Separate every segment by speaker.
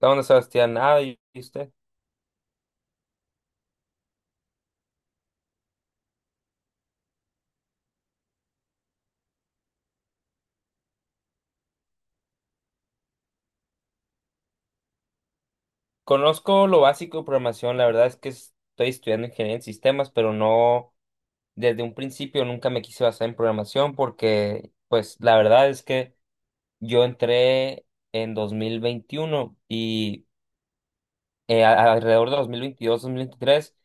Speaker 1: La onda, Sebastián, nada, ¿y usted? Conozco lo básico de programación, la verdad es que estoy estudiando ingeniería en sistemas, pero no, desde un principio nunca me quise basar en programación porque, pues, la verdad es que yo entré en 2021 y alrededor de 2022-2023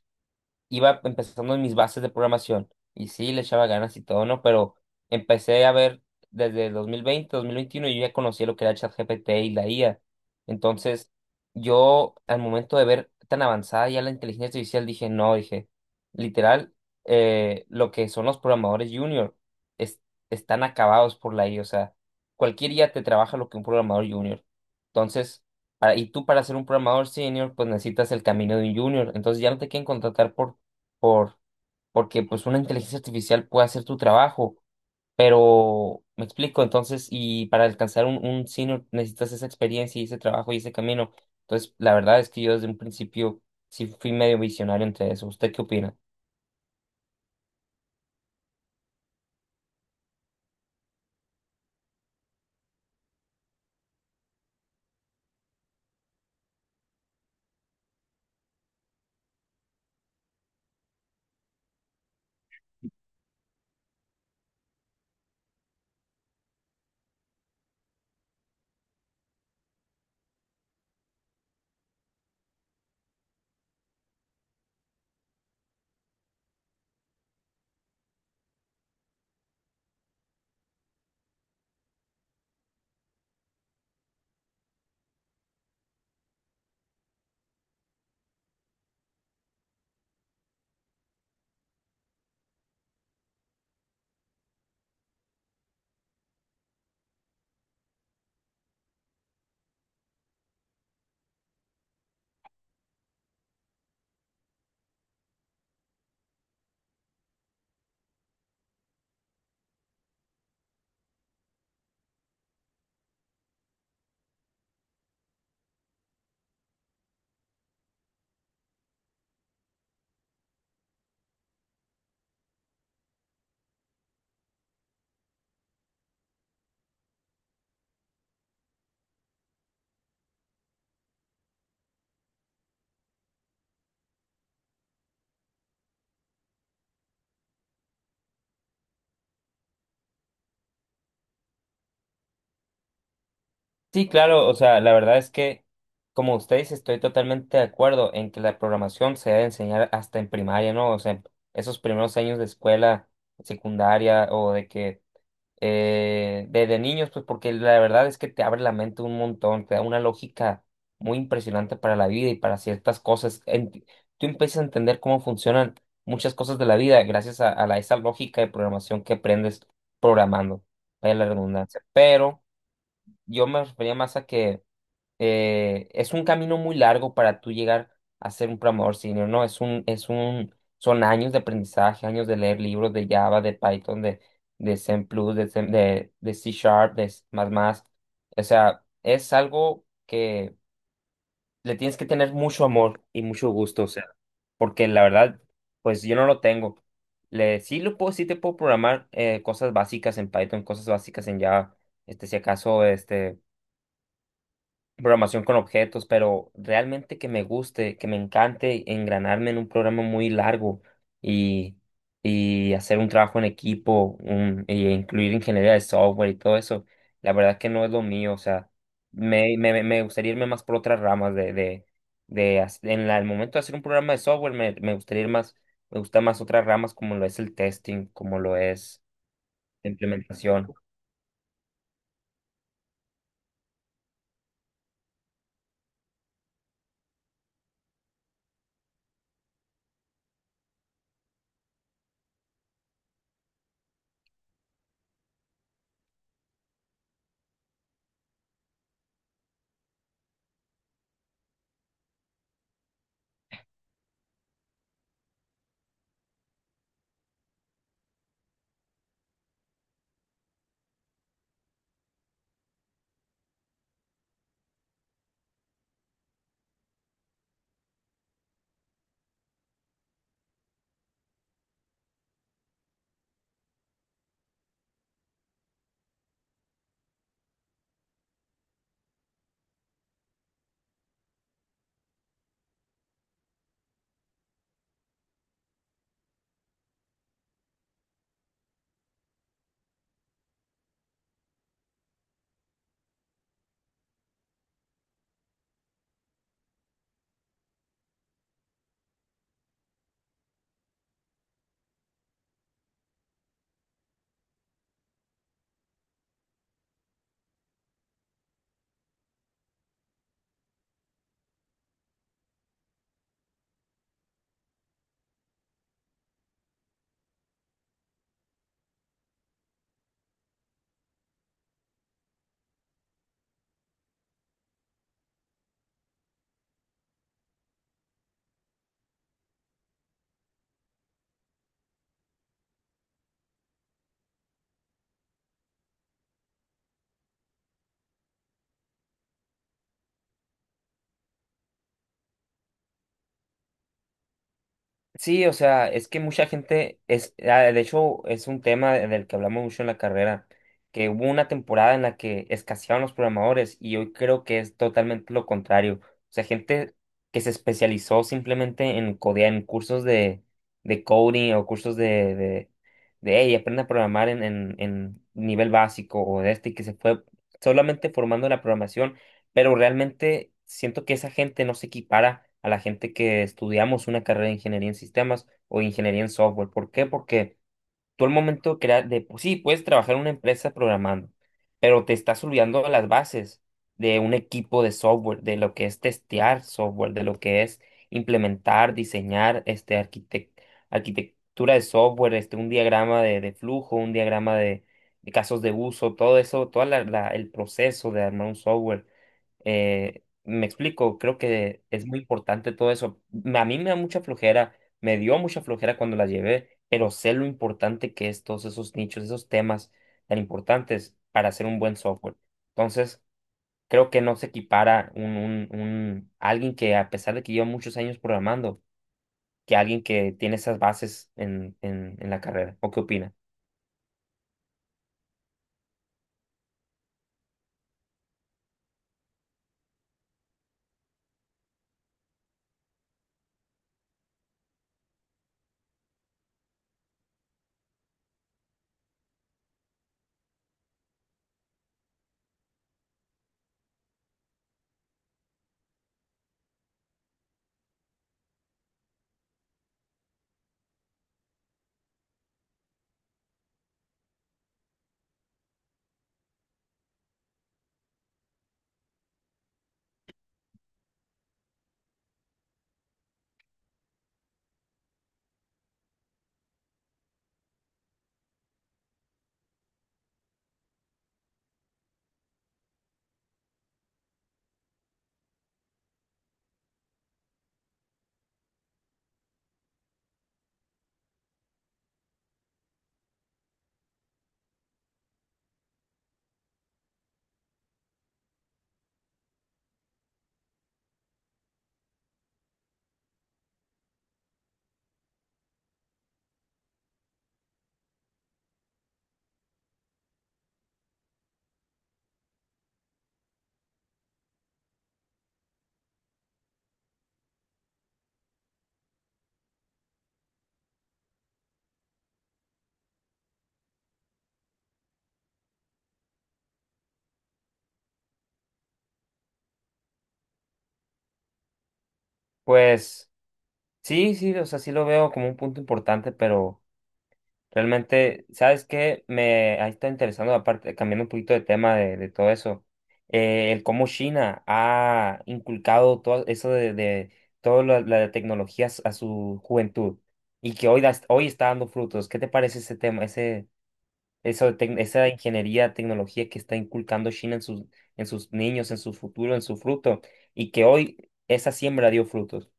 Speaker 1: iba empezando en mis bases de programación y sí, le echaba ganas y todo, ¿no? Pero empecé a ver desde el 2020, 2021, yo ya conocía lo que era ChatGPT y la IA. Entonces, yo al momento de ver tan avanzada ya la inteligencia artificial, dije, no, dije, literal, lo que son los programadores junior es- están acabados por la IA. O sea, cualquier IA te trabaja lo que un programador junior. Entonces, y tú para ser un programador senior, pues necesitas el camino de un junior. Entonces ya no te quieren contratar por, porque pues una inteligencia artificial puede hacer tu trabajo, pero me explico, entonces, y para alcanzar un senior necesitas esa experiencia y ese trabajo y ese camino. Entonces, la verdad es que yo desde un principio sí fui medio visionario entre eso. ¿Usted qué opina? Sí, claro, o sea, la verdad es que, como usted dice, estoy totalmente de acuerdo en que la programación se debe enseñar hasta en primaria, ¿no? O sea, esos primeros años de escuela secundaria o de que desde niños, pues porque la verdad es que te abre la mente un montón, te da una lógica muy impresionante para la vida y para ciertas cosas. Tú empiezas a entender cómo funcionan muchas cosas de la vida gracias a esa lógica de programación que aprendes programando, vaya la redundancia. Pero yo me refería más a que es un camino muy largo para tú llegar a ser un programador senior, ¿no? Son años de aprendizaje, años de leer libros de Java, de Python, de Zen Plus, de C Sharp, más más. O sea, es algo que le tienes que tener mucho amor y mucho gusto, o sea, porque la verdad, pues yo no lo tengo. Sí lo puedo, sí te puedo programar cosas básicas en Python, cosas básicas en Java, este, si acaso, este programación con objetos, pero realmente que me guste, que me encante engranarme en un programa muy largo y, y hacer un trabajo en equipo, y incluir ingeniería de software y todo eso, la verdad que no es lo mío, o sea, me gustaría irme más por otras ramas de el momento de hacer un programa de software, me gustaría ir más, me gusta más otras ramas como lo es el testing, como lo es la implementación. Sí, o sea, es que mucha gente es, ah, de hecho, es un tema del que hablamos mucho en la carrera, que hubo una temporada en la que escaseaban los programadores y hoy creo que es totalmente lo contrario. O sea, gente que se especializó simplemente en codear, en cursos de coding o cursos de, hey, aprende a programar en nivel básico o de este, y que se fue solamente formando la programación pero realmente siento que esa gente no se equipara a la gente que estudiamos una carrera de ingeniería en sistemas o ingeniería en software. ¿Por qué? Porque tú al momento de crear, de, pues sí, puedes trabajar en una empresa programando, pero te estás olvidando de las bases de un equipo de software, de lo que es testear software, de lo que es implementar, diseñar, este, arquitectura de software, este, un diagrama de flujo, un diagrama de casos de uso, todo eso, todo el proceso de armar un software. Me explico, creo que es muy importante todo eso. A mí me da mucha flojera me dio mucha flojera cuando la llevé, pero sé lo importante que es todos esos nichos, esos temas tan importantes para hacer un buen software. Entonces, creo que no se equipara alguien que, a pesar de que lleva muchos años programando, que alguien que tiene esas bases en la carrera. ¿O qué opina? Pues sí, sí, o sea, sí lo veo como un punto importante, pero realmente, ¿sabes qué? Me ha estado interesando, aparte, cambiando un poquito de tema de todo eso, el cómo China ha inculcado todo eso de toda la, la tecnología a su juventud y que hoy, hoy está dando frutos. ¿Qué te parece ese tema, ese, eso esa ingeniería, tecnología que está inculcando China en sus niños, en su futuro, en su fruto y que hoy esa siembra dio frutos?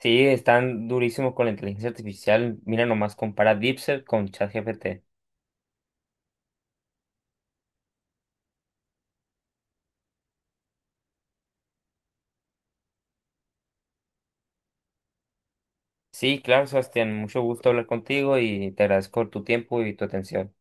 Speaker 1: Sí, están durísimos con la inteligencia artificial. Mira nomás, compara DeepSeek con ChatGPT. Sí, claro, Sebastián, mucho gusto hablar contigo y te agradezco tu tiempo y tu atención.